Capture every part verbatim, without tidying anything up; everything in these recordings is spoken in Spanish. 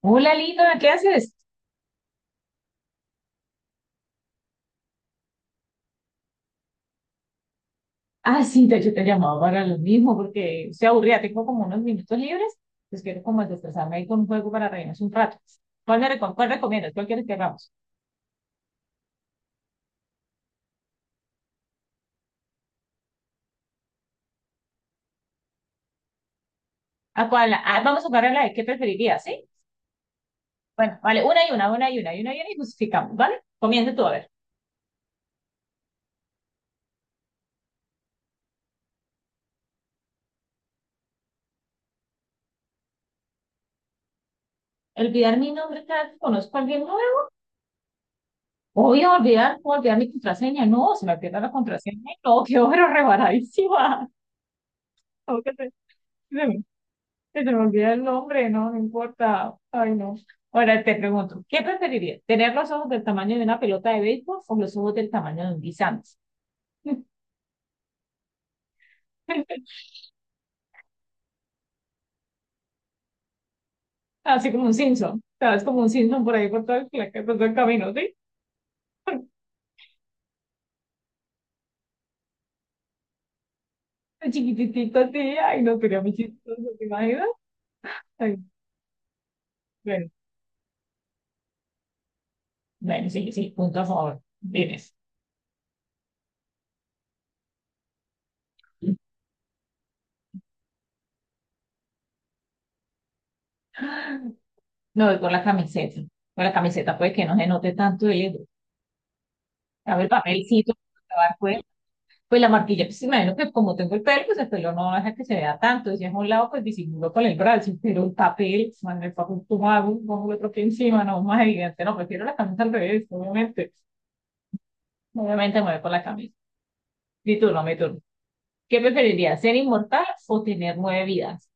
Hola Lina, ¿qué haces? Ah, sí, de hecho te llamaba para lo mismo porque estoy aburrida, tengo como unos minutos libres, pues quiero como desestresarme ahí con un juego para reírnos un rato. ¿Cuál me recom- cuál recomiendas? ¿Cuál quieres que hagamos? ¿A cuál? Ah, vamos a jugar a la de qué preferirías, ¿sí? Bueno, vale, una y una, una y una, y una y una y justificamos, ¿vale? Comienza tú, a ver. Olvidar mi nombre cada vez que conozco a alguien nuevo. Voy a olvidar, voy a olvidar mi contraseña. No, se me pierde la contraseña. No, qué horror, rebaradísima. Se te me olvida el nombre, no, no importa. Ay, no. Ahora te pregunto, ¿qué preferirías? ¿Tener los ojos del tamaño de una pelota de béisbol o los ojos del tamaño de un guisante? Así como un Simpson. ¿Sabes? Como un Simpson por ahí por todo el, pla- por todo el camino, ¿sí? Chiquititito así, ay, no, sería muy chistoso, ¿te imaginas? Ay, bueno, bueno, sí, sí, punto a favor. Tienes. No, voy con la camiseta. Con la camiseta puede que no se note tanto el, a ver, papelcito, para acabar pues la marquilla, pues imagino que como tengo el pelo, pues el pelo no deja que se vea tanto, si es a un lado, pues disimulo con el brazo, pero el papel, man, el papel tomado, pongo el otro pie encima, no, más evidente, no, prefiero la camisa al revés, obviamente, obviamente me voy por la camisa, mi turno, mi turno. ¿Qué preferirías, ser inmortal o tener nueve vidas?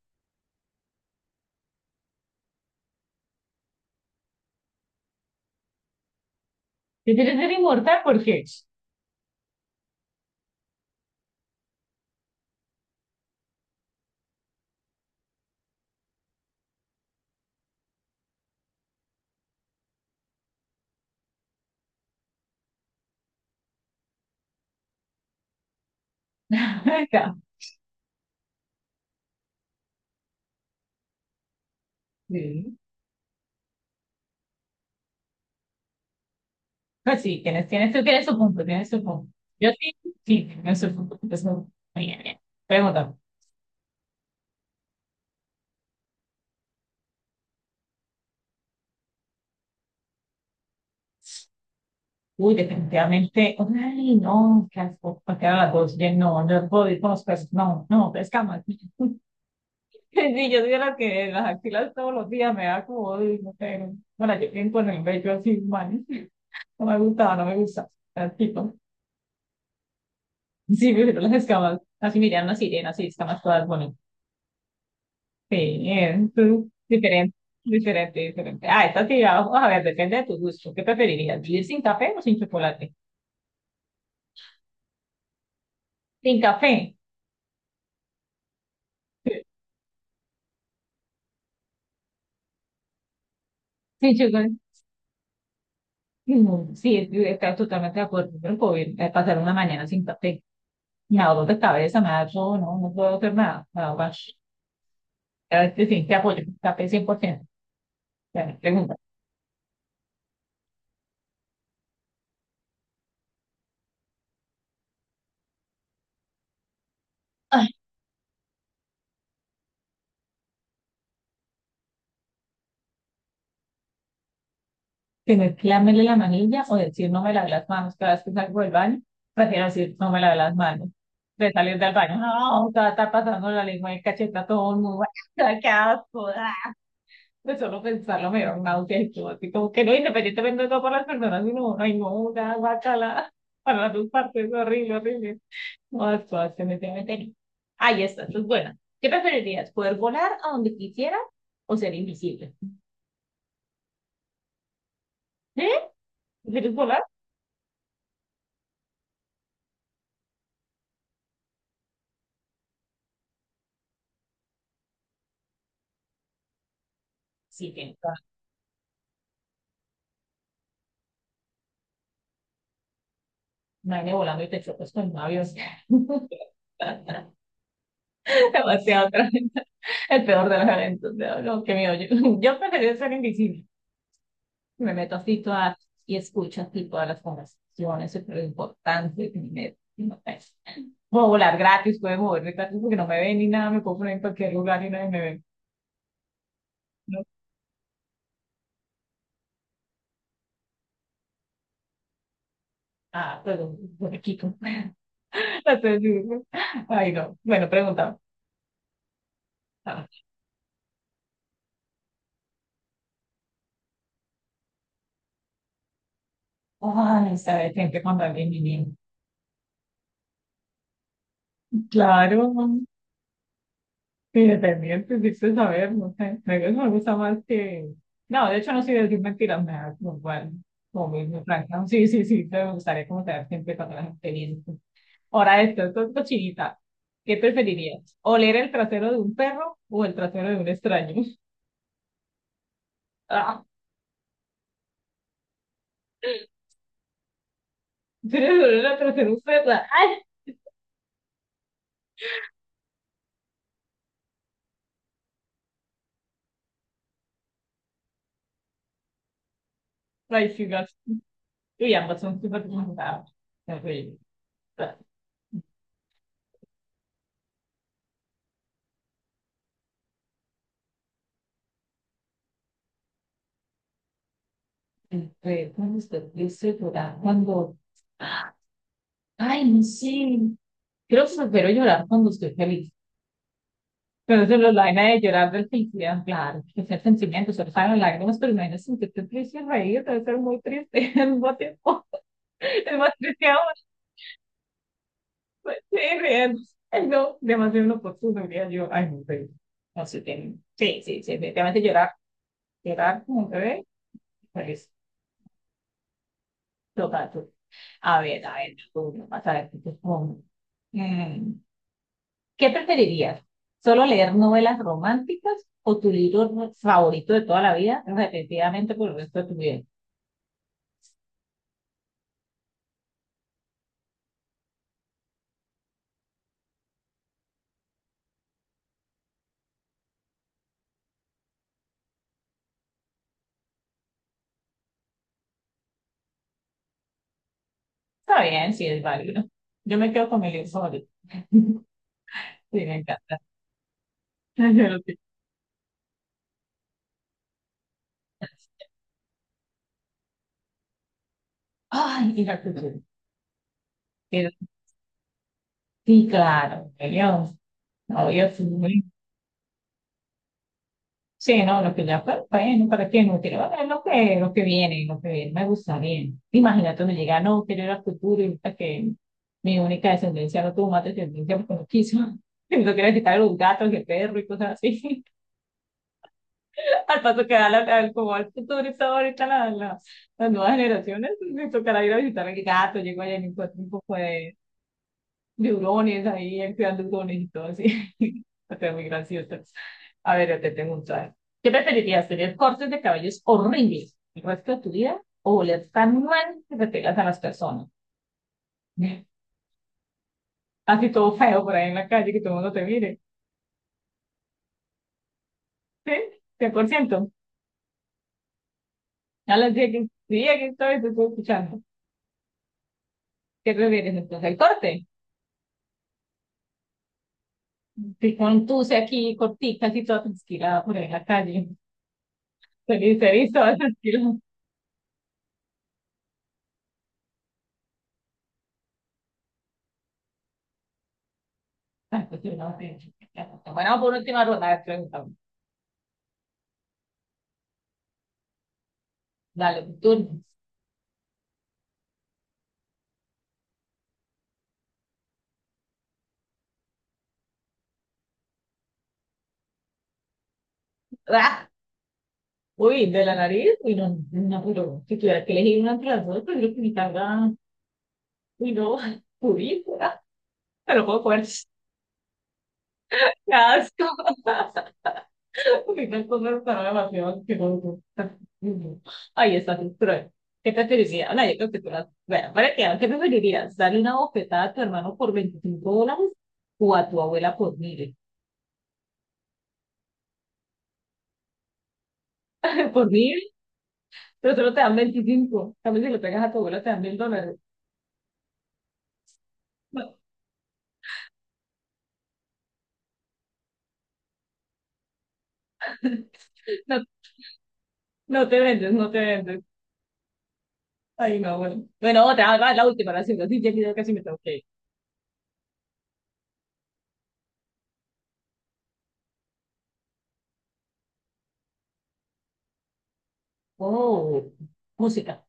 ¿Prefieres ser inmortal? ¿Por qué? Acá, sí. Pues sí, tienes, tienes, tú tienes su punto, tienes su punto. Yo sí, sí, tienes su punto, es muy- muy bien, bien. Pregunta. Uy, definitivamente, ay, no, qué asco, porque era las dos, ya no, no puedo ir con los peces, no, no, pescamos. Sí, yo soy de las que las axilas todos los días me da como, uy, no sé, no. Bueno, yo tengo en el bello así, man, no me gustaba, no me gusta, eh, tipo, sí, pero las escamas, así miran las sirenas, así escamas todas bonitas, sí, eh, tú, diferente, diferente, diferente. Ah, esta sí, vamos a ver, depende de tu gusto, ¿qué preferirías, vivir sin café o sin chocolate? Sin café, sin chocolate. Mm, sí, es- está totalmente de acuerdo. Pero no puedo ir pasar una mañana sin café. Me da dolor de cabeza, me da todo, no, no puedo hacer nada. Me da guash. A ver, sí, sí, te apoyo. Café cien por ciento. Ya, me pregunta. Ay, ¿tener que lamerle la manilla o decir no me lavé las manos cada vez que salgo del baño? Prefiero decir no me lavé las manos. De salir del baño, no, te va a estar pasando la lengua de cacheta a todo el mundo. ¡Qué asco! De solo pensarlo me da un náusea y todo, así como que no, independientemente de todo por las personas, sino, ay, no, una guacala, para las dos partes, horrible, horrible. No, esto se me tiene meter. Ahí está, esto es buena. ¿Qué preferirías? ¿Poder volar a donde quisieras o ser invisible? ¿Eh? ¿Prefieres volar? Sí, tienes nadie volando y te chocas con un avión. Demasiado tremenda. El peor de los eventos. No, no, qué miedo. Yo, yo preferiría ser invisible. Me meto así todas y escucho así todas las conversaciones, eso es lo importante que me meto. No, sé. Puedo volar gratis, puedo moverme gratis porque no me ven ni nada, me puedo poner en cualquier lugar y nadie me ve. No, ah, pero por aquí, como- Entonces, digo, ay, no. Bueno, preguntaba. Ah, ay, sabes, siempre cuando alguien me viene. Claro, sí, dependiente, sí, sé saber, no sé. Me- Eso me gusta más que. No, de hecho, no soy de decir mentiras, me da como igual, como mismo, franca. Sí, sí, sí, te gustaría como tener siempre todas las experiencias. Ahora, esto, esto es cochinita. ¿Qué preferirías? ¿Oler el trasero de un perro o el trasero de un extraño? Ah, tienes oler el trasero de un perro? ¡Ay! Ay, sí, gas. Uy, ambas son súper complicadas. Terrible. Ah, el perro, cuando usted dice llorar, cuando. Ay, no sé. Creo que prefiero llorar cuando estoy feliz. Pero eso es la vaina de llorar del felicidad, claro, que es el sentimiento, solo salen las lágrimas, pero imagínate sentirte triste y reír, debe ser muy triste al mismo tiempo. Es más triste aún, sí, riendo. Ay, no, demasiado inoportuno, diría yo. Ay, no, pero no sé, tiene- sí, sí, sí, definitivamente llorar, llorar como un bebé, pues, total. A ver, a ver, tú, vas a ver, tú, tú, tú. Mm, ¿qué preferirías? ¿Solo leer novelas románticas o tu libro no- favorito de toda la vida repetidamente por el resto de tu vida? Está bien, sí es válido. Yo me quedo con mi libro favorito. Sí, me encanta. Yo lo tengo. Ay, y la cultura. Pero- sí, claro, obvio, obvio, sí. Sí, no, lo que ya fue, bueno, ¿para qué no quiero? Bueno, lo que, lo que viene, lo que viene, me gusta bien. Imagínate donde llega, no, quiero ir al futuro y ahorita que mi única descendencia no tuvo más descendencia porque no quiso. No quiero quitar a los gatos el perro y cosas así. Al paso que da la, al- como al futuro está ahorita la, la- las nuevas generaciones, me tocará ir a visitar al gato, llego allá y me encuentro un poco de neurones ahí, activando neurones y todo así. Está muy gracioso. A ver, yo te tengo un traje. ¿Qué preferirías, tener cortes de cabellos horribles el resto de tu vida o oler tan mal que te pegas a las personas? Así todo feo por ahí en la calle, que todo el mundo te mire. ¿Sí? Cien por ciento. A las diez que, día que estoy, te estoy escuchando. ¿Qué prefieres entonces? El corte. Si con tuce aquí, corticas y toda tranquila por ahí en la calle. Feliz, feliz, toda tranquila. Bueno, por última ronda, a ver, pregúntame. Dale, tú. ¡Ah! Uy, de la nariz, uy, no, no, pero si tuviera que elegir una entre las dos, prefiero que mi carga, uy, no, uy, ah, me lo puedo comer. ¡Qué asco! Uy, no, esto no está demasiado asqueroso. Ay, está es cruel. ¿Qué te preferirías? No, yo creo que tú las... Bueno, para que, ¿qué preferirías? ¿Darle una bofetada a tu hermano por veinticinco dólares o a tu abuela por mil? ¿Por mil? Pero solo te dan veinticinco. También si lo pegas a tu abuelo te dan mil dólares. No, no, no te vendes, no te vendes. Ay, no, bueno. Bueno, otra, va, la última, la segunda. Sí, ya que yo casi me tengo que ir. Oh, música,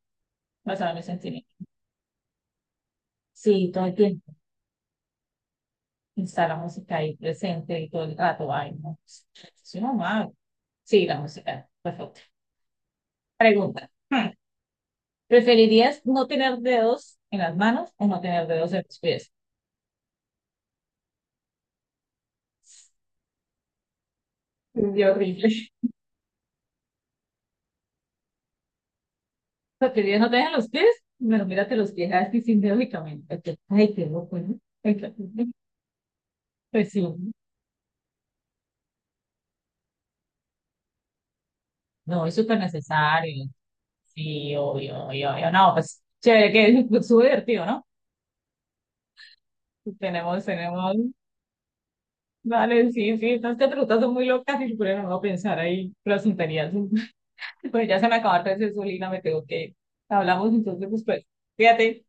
basada en mis sentimientos. Sí, todo el tiempo. Está la música ahí presente y todo el rato. Ay, no. Soy mamá. Sí, la música. Perfecto. Pregunta. Hmm. ¿Preferirías no tener dedos en las manos o no tener dedos en los pies? Qué horrible. Sea, que ya no te dejan los pies, bueno, mírate los pies así lógicamente. Ok. Ay, qué loco, ¿no? Pues sí, no, es súper necesario. Sí, obvio, obvio, obvio. No, pues chévere, que es súper divertido, ¿no? Tenemos, tenemos, vale, sí, sí, estas te preguntas son muy locas y pero no voy a pensar ahí las tonterías. Pues ya se me acabaron de gasolina, me tengo que ir. Hablamos entonces después. Fíjate.